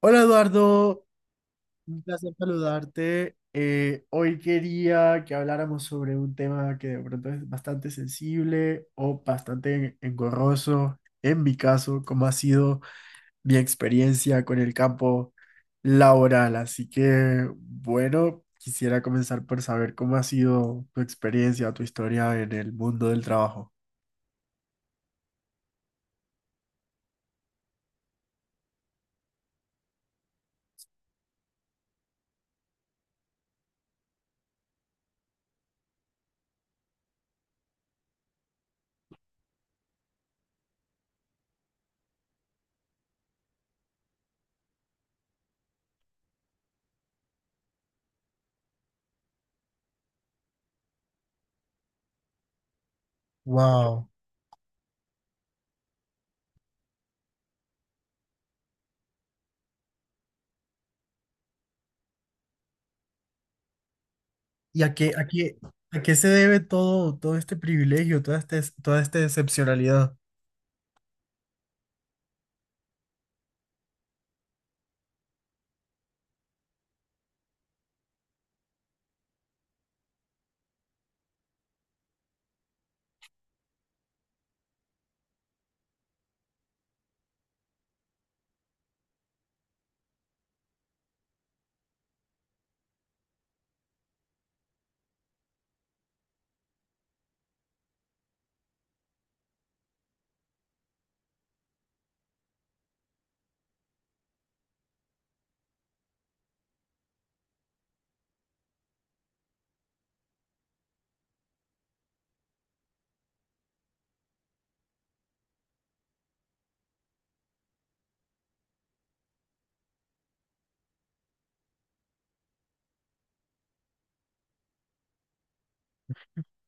Hola, Eduardo, un placer saludarte. Hoy quería que habláramos sobre un tema que de pronto es bastante sensible o bastante engorroso, en mi caso, como ha sido mi experiencia con el campo laboral. Así que, bueno, quisiera comenzar por saber cómo ha sido tu experiencia, tu historia en el mundo del trabajo. Wow. ¿Y a qué se debe todo, este privilegio, toda esta excepcionalidad?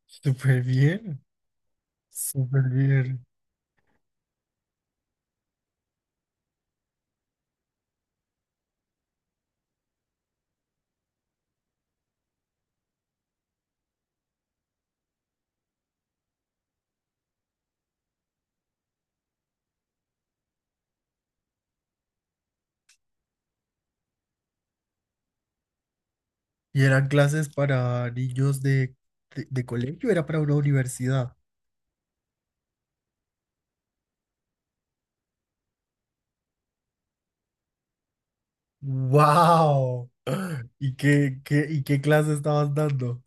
Súper bien, súper bien. ¿Y eran clases para niños de colegio? ¿Era para una universidad? ¡Wow! ¿Y qué clase estabas dando?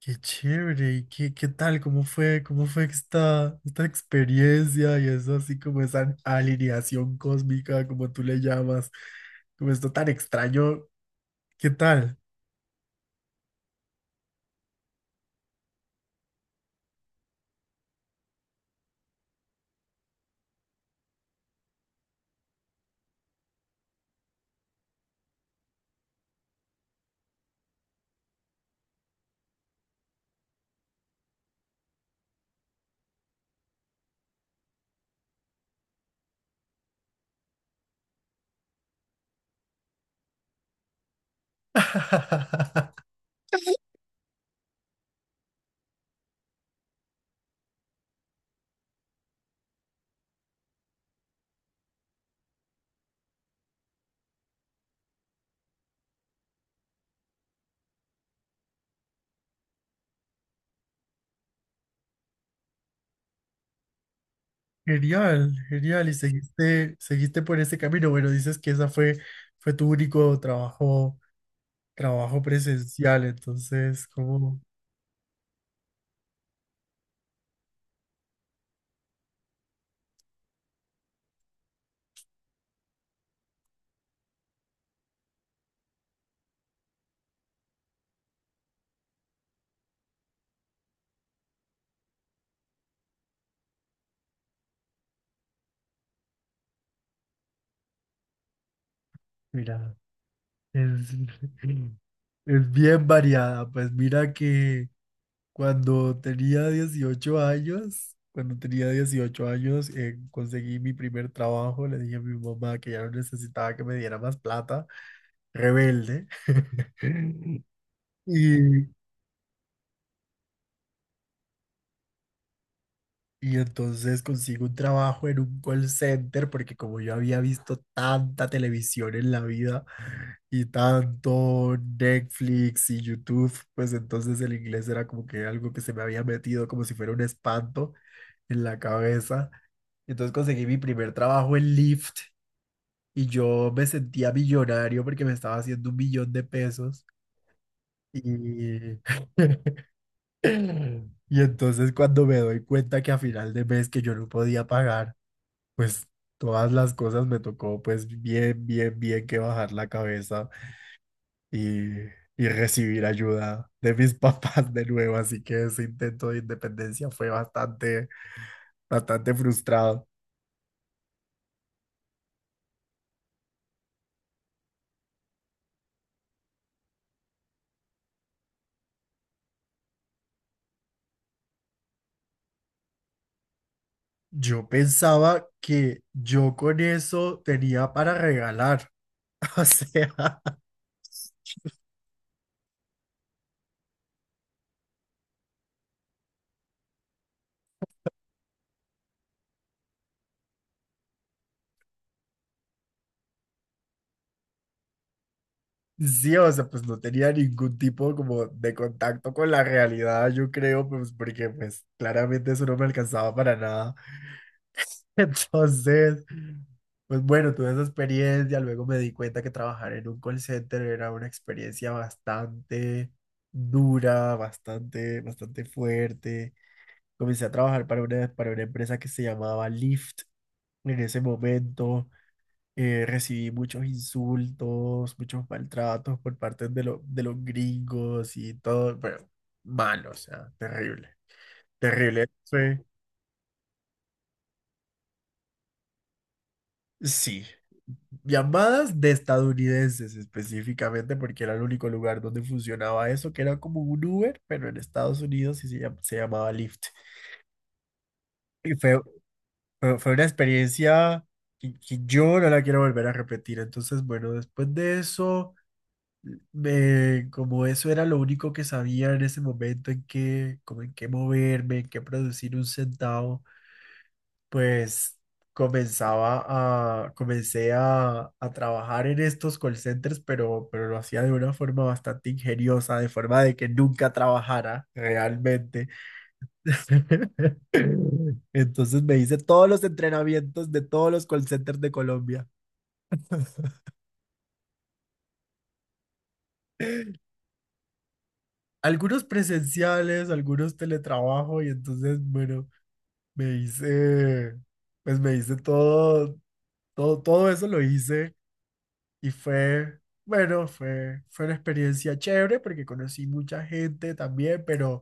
¡Qué chévere! ¿Y qué tal? Cómo fue esta experiencia y eso así como esa alineación cósmica, como tú le llamas, como esto tan extraño? ¿Qué tal? Genial, genial. Y seguiste por ese camino. Bueno, dices que fue tu único trabajo presencial. Entonces, como, mira, es, es bien variada. Pues mira que cuando tenía 18 años, conseguí mi primer trabajo. Le dije a mi mamá que ya no necesitaba que me diera más plata. Rebelde. Y, Y entonces consigo un trabajo en un call center porque como yo había visto tanta televisión en la vida y tanto Netflix y YouTube, pues entonces el inglés era como que algo que se me había metido como si fuera un espanto en la cabeza. Entonces conseguí mi primer trabajo en Lyft y yo me sentía millonario porque me estaba haciendo un millón de pesos. Y, y entonces cuando me doy cuenta que a final de mes que yo no podía pagar pues todas las cosas me tocó pues bien que bajar la cabeza y, y recibir ayuda de mis papás de nuevo, así que ese intento de independencia fue bastante frustrado. Yo pensaba que yo con eso tenía para regalar. O sea, sí, o sea, pues no tenía ningún tipo como de contacto con la realidad, yo creo, pues porque pues claramente eso no me alcanzaba para nada. Entonces, pues bueno, tuve esa experiencia, luego me di cuenta que trabajar en un call center era una experiencia bastante dura, bastante fuerte. Comencé a trabajar para para una empresa que se llamaba Lyft. En ese momento recibí muchos insultos, muchos maltratos por parte de, de los gringos y todo, pero malo, o sea, terrible, terrible. Sí, llamadas de estadounidenses específicamente, porque era el único lugar donde funcionaba eso, que era como un Uber, pero en Estados Unidos y se se llamaba Lyft. Y fue, fue una experiencia que yo no la quiero volver a repetir. Entonces, bueno, después de eso, como eso era lo único que sabía en ese momento en como en qué moverme, en qué producir un centavo, pues comenzaba a, comencé a trabajar en estos call centers, pero lo hacía de una forma bastante ingeniosa, de forma de que nunca trabajara realmente. Entonces me hice todos los entrenamientos de todos los call centers de Colombia. Algunos presenciales, algunos teletrabajo y entonces, bueno, me hice, pues me hice todo eso lo hice. Y fue, bueno, fue una experiencia chévere porque conocí mucha gente también, pero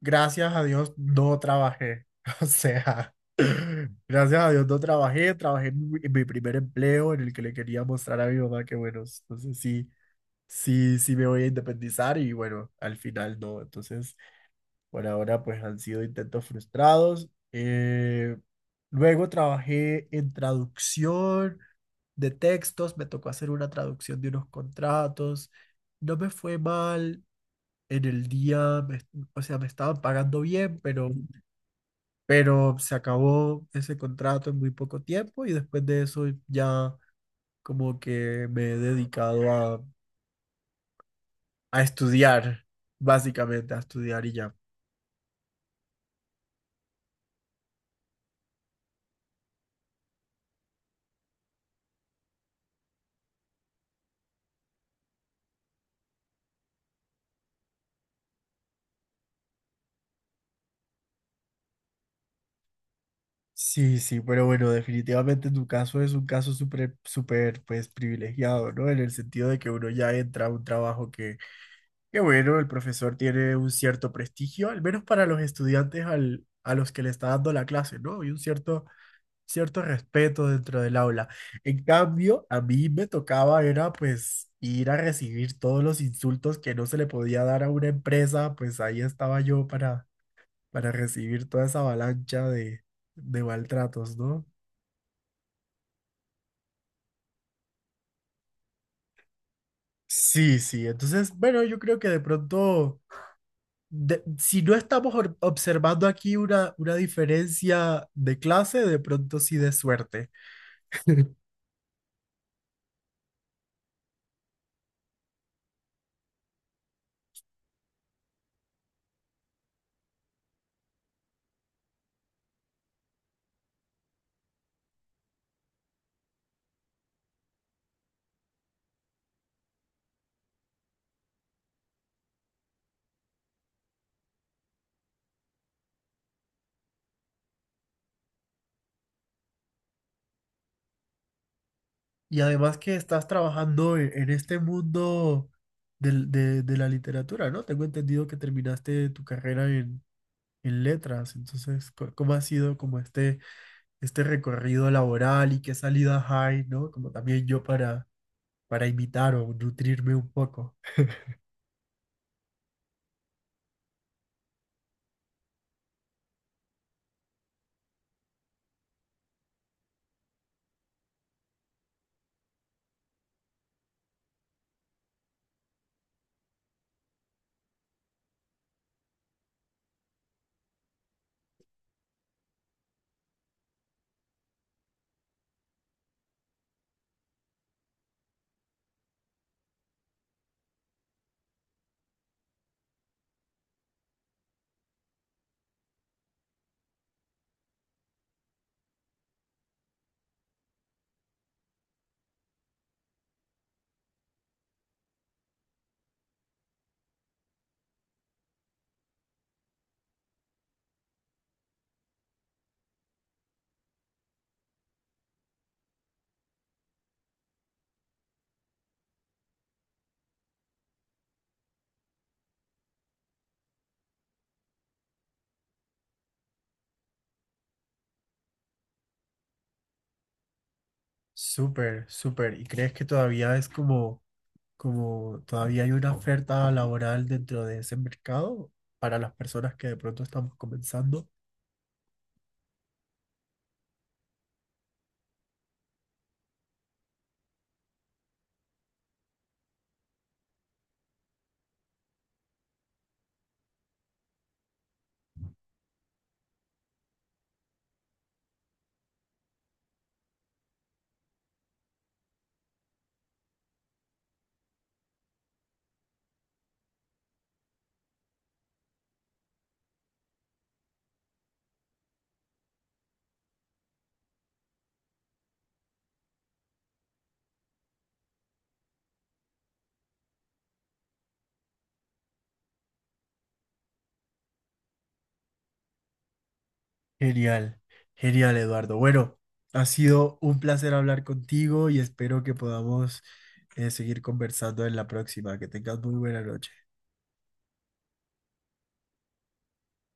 gracias a Dios no trabajé. O sea, gracias a Dios no trabajé, trabajé en en mi primer empleo en el que le quería mostrar a mi mamá que, bueno, entonces sí, sí me voy a independizar y bueno, al final no. Entonces, por ahora pues han sido intentos frustrados. Luego trabajé en traducción de textos, me tocó hacer una traducción de unos contratos, no me fue mal, en el día, o sea, me estaban pagando bien, pero se acabó ese contrato en muy poco tiempo y después de eso ya como que me he dedicado a estudiar, básicamente a estudiar y ya. Sí, sí, pero bueno, definitivamente tu caso es un caso súper, súper, pues privilegiado, ¿no? En el sentido de que uno ya entra a un trabajo que... Qué bueno, el profesor tiene un cierto prestigio, al menos para los estudiantes a los que le está dando la clase, ¿no? Y un cierto respeto dentro del aula. En cambio, a mí me tocaba era pues ir a recibir todos los insultos que no se le podía dar a una empresa, pues ahí estaba yo para recibir toda esa avalancha de maltratos, ¿no? Sí, sí, entonces, bueno, yo creo que de pronto... si no estamos observando aquí una diferencia de clase, de pronto sí de suerte. Y además que estás trabajando en este mundo de la literatura, ¿no? Tengo entendido que terminaste tu carrera en letras, entonces, ¿cómo ha sido como este recorrido laboral y qué salidas hay, ¿no? Como también yo para imitar o nutrirme un poco. Súper, súper. ¿Y crees que todavía es como... como todavía hay una oferta laboral dentro de ese mercado para las personas que de pronto estamos comenzando? Genial, genial, Eduardo. Bueno, ha sido un placer hablar contigo y espero que podamos seguir conversando en la próxima. Que tengas muy buena noche.